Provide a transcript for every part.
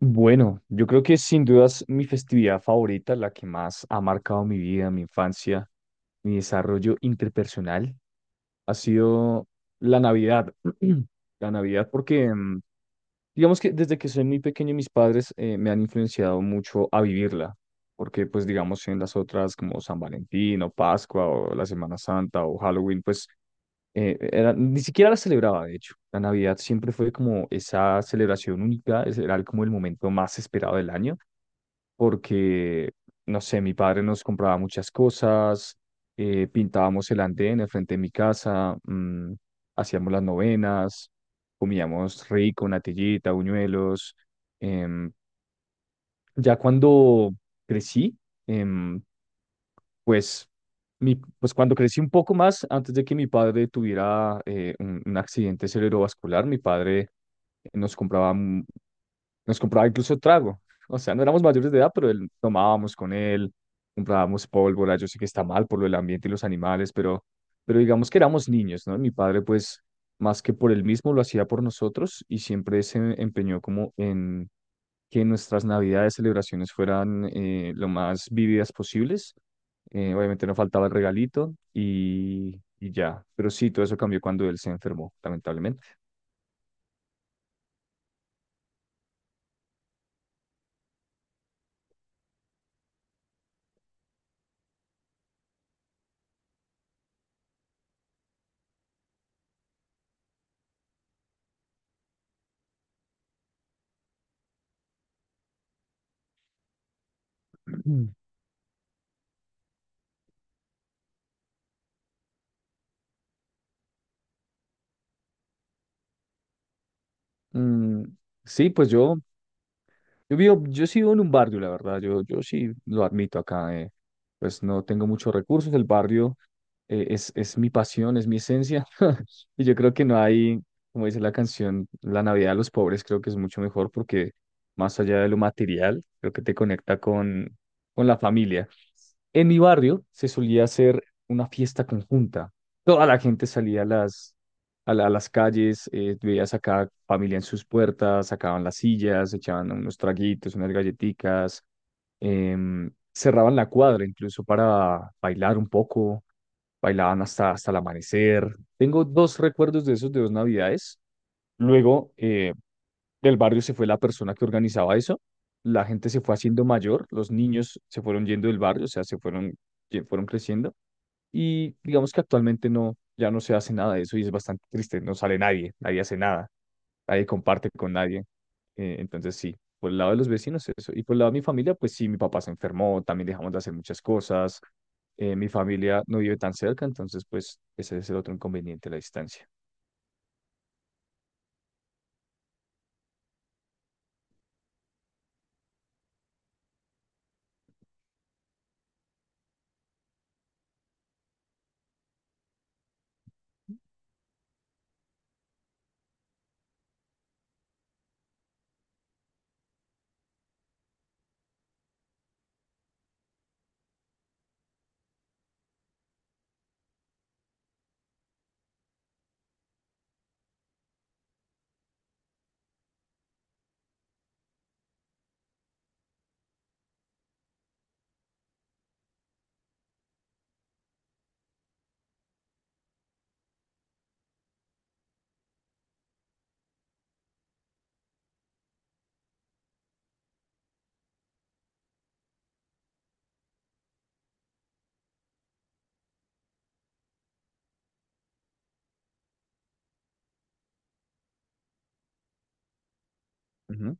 Bueno, yo creo que sin dudas mi festividad favorita, la que más ha marcado mi vida, mi infancia, mi desarrollo interpersonal, ha sido la Navidad. La Navidad porque, digamos que desde que soy muy pequeño mis padres me han influenciado mucho a vivirla, porque pues digamos en las otras como San Valentín o Pascua o la Semana Santa o Halloween, pues ni siquiera la celebraba, de hecho. La Navidad siempre fue como esa celebración única, ese era como el momento más esperado del año porque, no sé, mi padre nos compraba muchas cosas, pintábamos el andén al frente de mi casa, hacíamos las novenas, comíamos rico, natillita, buñuelos. em, ya cuando crecí, em, pues, pues cuando crecí un poco más, antes de que mi padre tuviera un accidente cerebrovascular, mi padre nos compraba nos compraba incluso trago. O sea, no éramos mayores de edad, pero él, tomábamos con él, comprábamos pólvora. Yo sé que está mal por lo del ambiente y los animales, pero digamos que éramos niños, ¿no? Mi padre, pues, más que por él mismo, lo hacía por nosotros y siempre se empeñó como en que nuestras navidades, celebraciones fueran lo más vívidas posibles. Obviamente no faltaba el regalito y ya. Pero sí, todo eso cambió cuando él se enfermó, lamentablemente. Mm. Mm, sí, pues yo vivo, yo sí vivo en un barrio, la verdad, yo sí lo admito acá, pues no tengo muchos recursos, el barrio es mi pasión, es mi esencia, y yo creo que no hay, como dice la canción, la Navidad de los pobres creo que es mucho mejor porque más allá de lo material, creo que te conecta con la familia. En mi barrio se solía hacer una fiesta conjunta. Toda la gente salía a las calles, veías a cada familia en sus puertas, sacaban las sillas, echaban unos traguitos, unas galletitas, cerraban la cuadra incluso para bailar un poco, bailaban hasta, hasta el amanecer. Tengo dos recuerdos de esos de dos navidades. Luego, del barrio se fue la persona que organizaba eso, la gente se fue haciendo mayor, los niños se fueron yendo del barrio, o sea, se fueron, fueron creciendo y digamos que actualmente no, ya no se hace nada de eso y es bastante triste, no sale nadie, nadie hace nada, nadie comparte con nadie, entonces sí. Por el lado de los vecinos, eso. Y por el lado de mi familia, pues sí, mi papá se enfermó, también dejamos de hacer muchas cosas. Eh, mi familia no vive tan cerca, entonces, pues, ese es el otro inconveniente, la distancia. Ujú.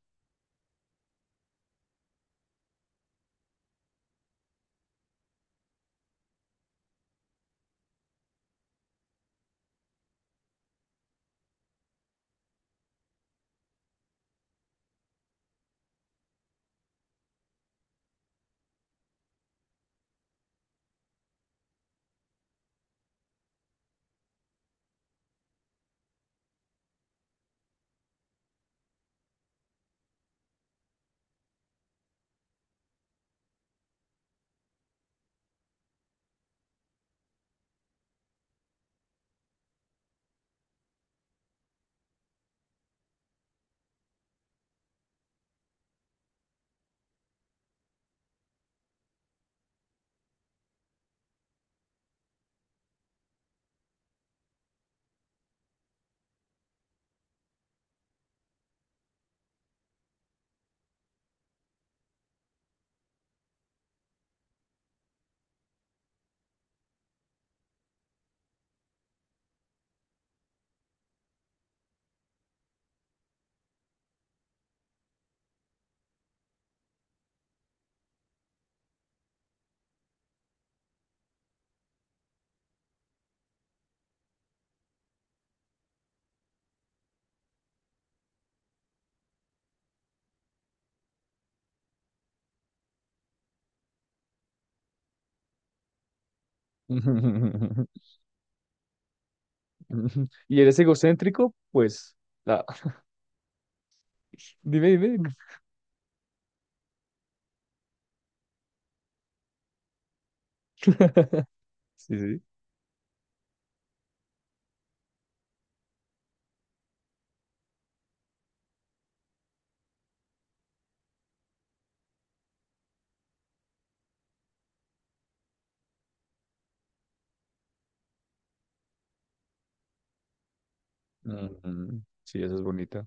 Ujú. ¿Y eres egocéntrico? Pues, la... dime, dime. Sí, sí. Ujú. Sí, esa es bonita.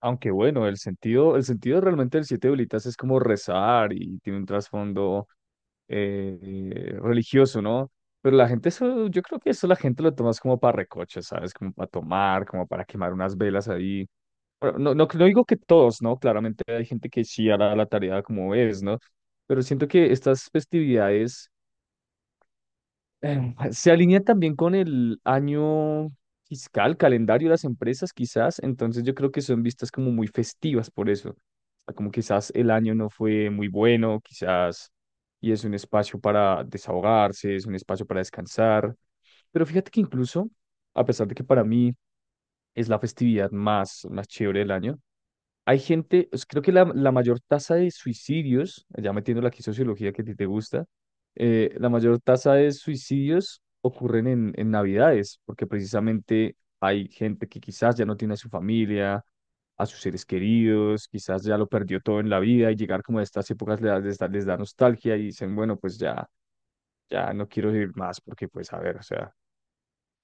Aunque bueno, el sentido realmente del siete velitas es como rezar y tiene un trasfondo religioso, ¿no? Pero la gente eso, yo creo que eso la gente lo toma es como para recocha, ¿sabes? Como para tomar, como para quemar unas velas ahí. Bueno, no, no, no digo que todos, ¿no? Claramente hay gente que sí hará la tarea como es, ¿no? Pero siento que estas festividades se alinea también con el año fiscal, calendario de las empresas, quizás. Entonces yo creo que son vistas como muy festivas por eso. O sea, como quizás el año no fue muy bueno, quizás, y es un espacio para desahogarse, es un espacio para descansar. Pero fíjate que incluso, a pesar de que para mí es la festividad más, más chévere del año, hay gente, pues, creo que la mayor tasa de suicidios, ya metiendo aquí sociología que a ti te gusta, la mayor tasa de suicidios ocurren en Navidades, porque precisamente hay gente que quizás ya no tiene a su familia, a sus seres queridos, quizás ya lo perdió todo en la vida y llegar como a estas épocas les da nostalgia y dicen, bueno, pues ya, ya no quiero vivir más porque pues a ver, o sea,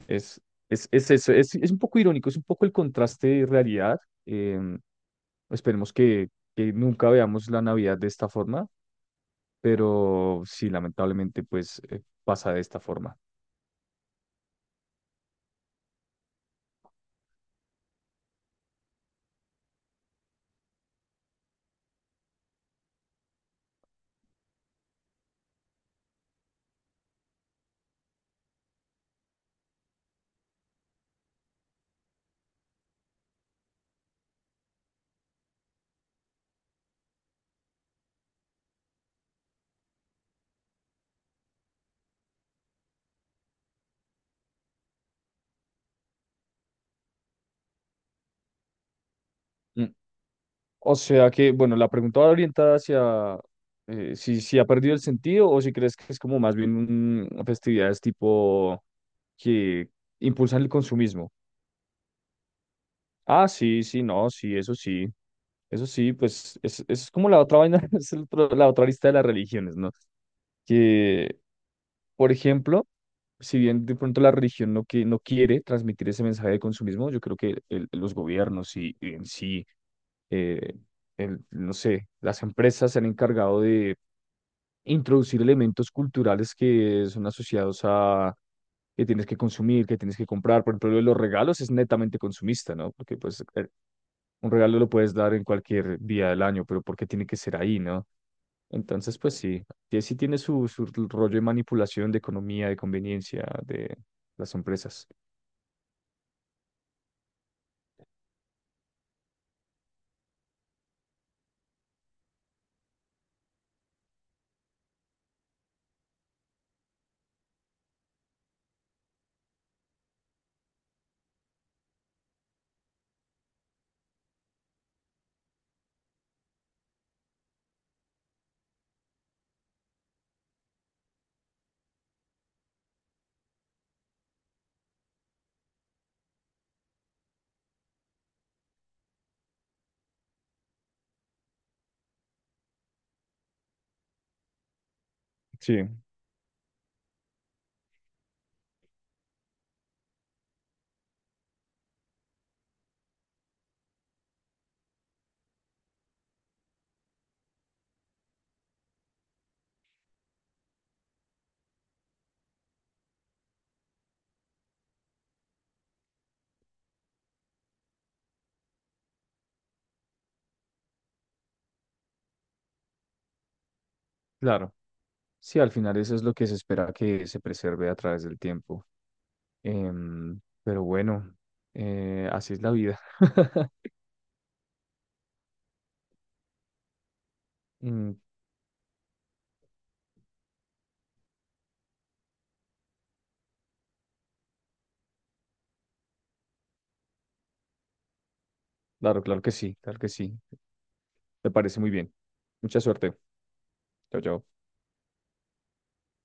es, es un poco irónico, es un poco el contraste de realidad. em, Esperemos que nunca veamos la Navidad de esta forma, pero sí, lamentablemente, pues pasa de esta forma. Mm. O sea que, bueno, la pregunta va orientada hacia si ha perdido el sentido o si crees que es como más bien un, festividades tipo que impulsan el consumismo. Ah, sí, sí, no, sí, eso sí. Eso sí, pues es, eso es como la otra vaina, es el la otra lista de las religiones, ¿no? Que, por ejemplo, si bien de pronto la religión no, que, no quiere transmitir ese mensaje de consumismo, yo creo que los gobiernos y en sí, eh, no sé, las empresas se han encargado de introducir elementos culturales que son asociados a que tienes que consumir, que tienes que comprar. Por ejemplo, lo de los regalos es netamente consumista, ¿no? Porque pues un regalo lo puedes dar en cualquier día del año, pero ¿por qué tiene que ser ahí, no? Entonces, pues sí, sí tiene su, su rollo de manipulación, de economía, de conveniencia, de las empresas. Sí, claro. Sí, al final eso es lo que se espera que se preserve a través del tiempo. Em, pero bueno, así es la vida. Mm, claro, claro que sí, claro que sí. Me parece muy bien. Mucha suerte. Chao, chao.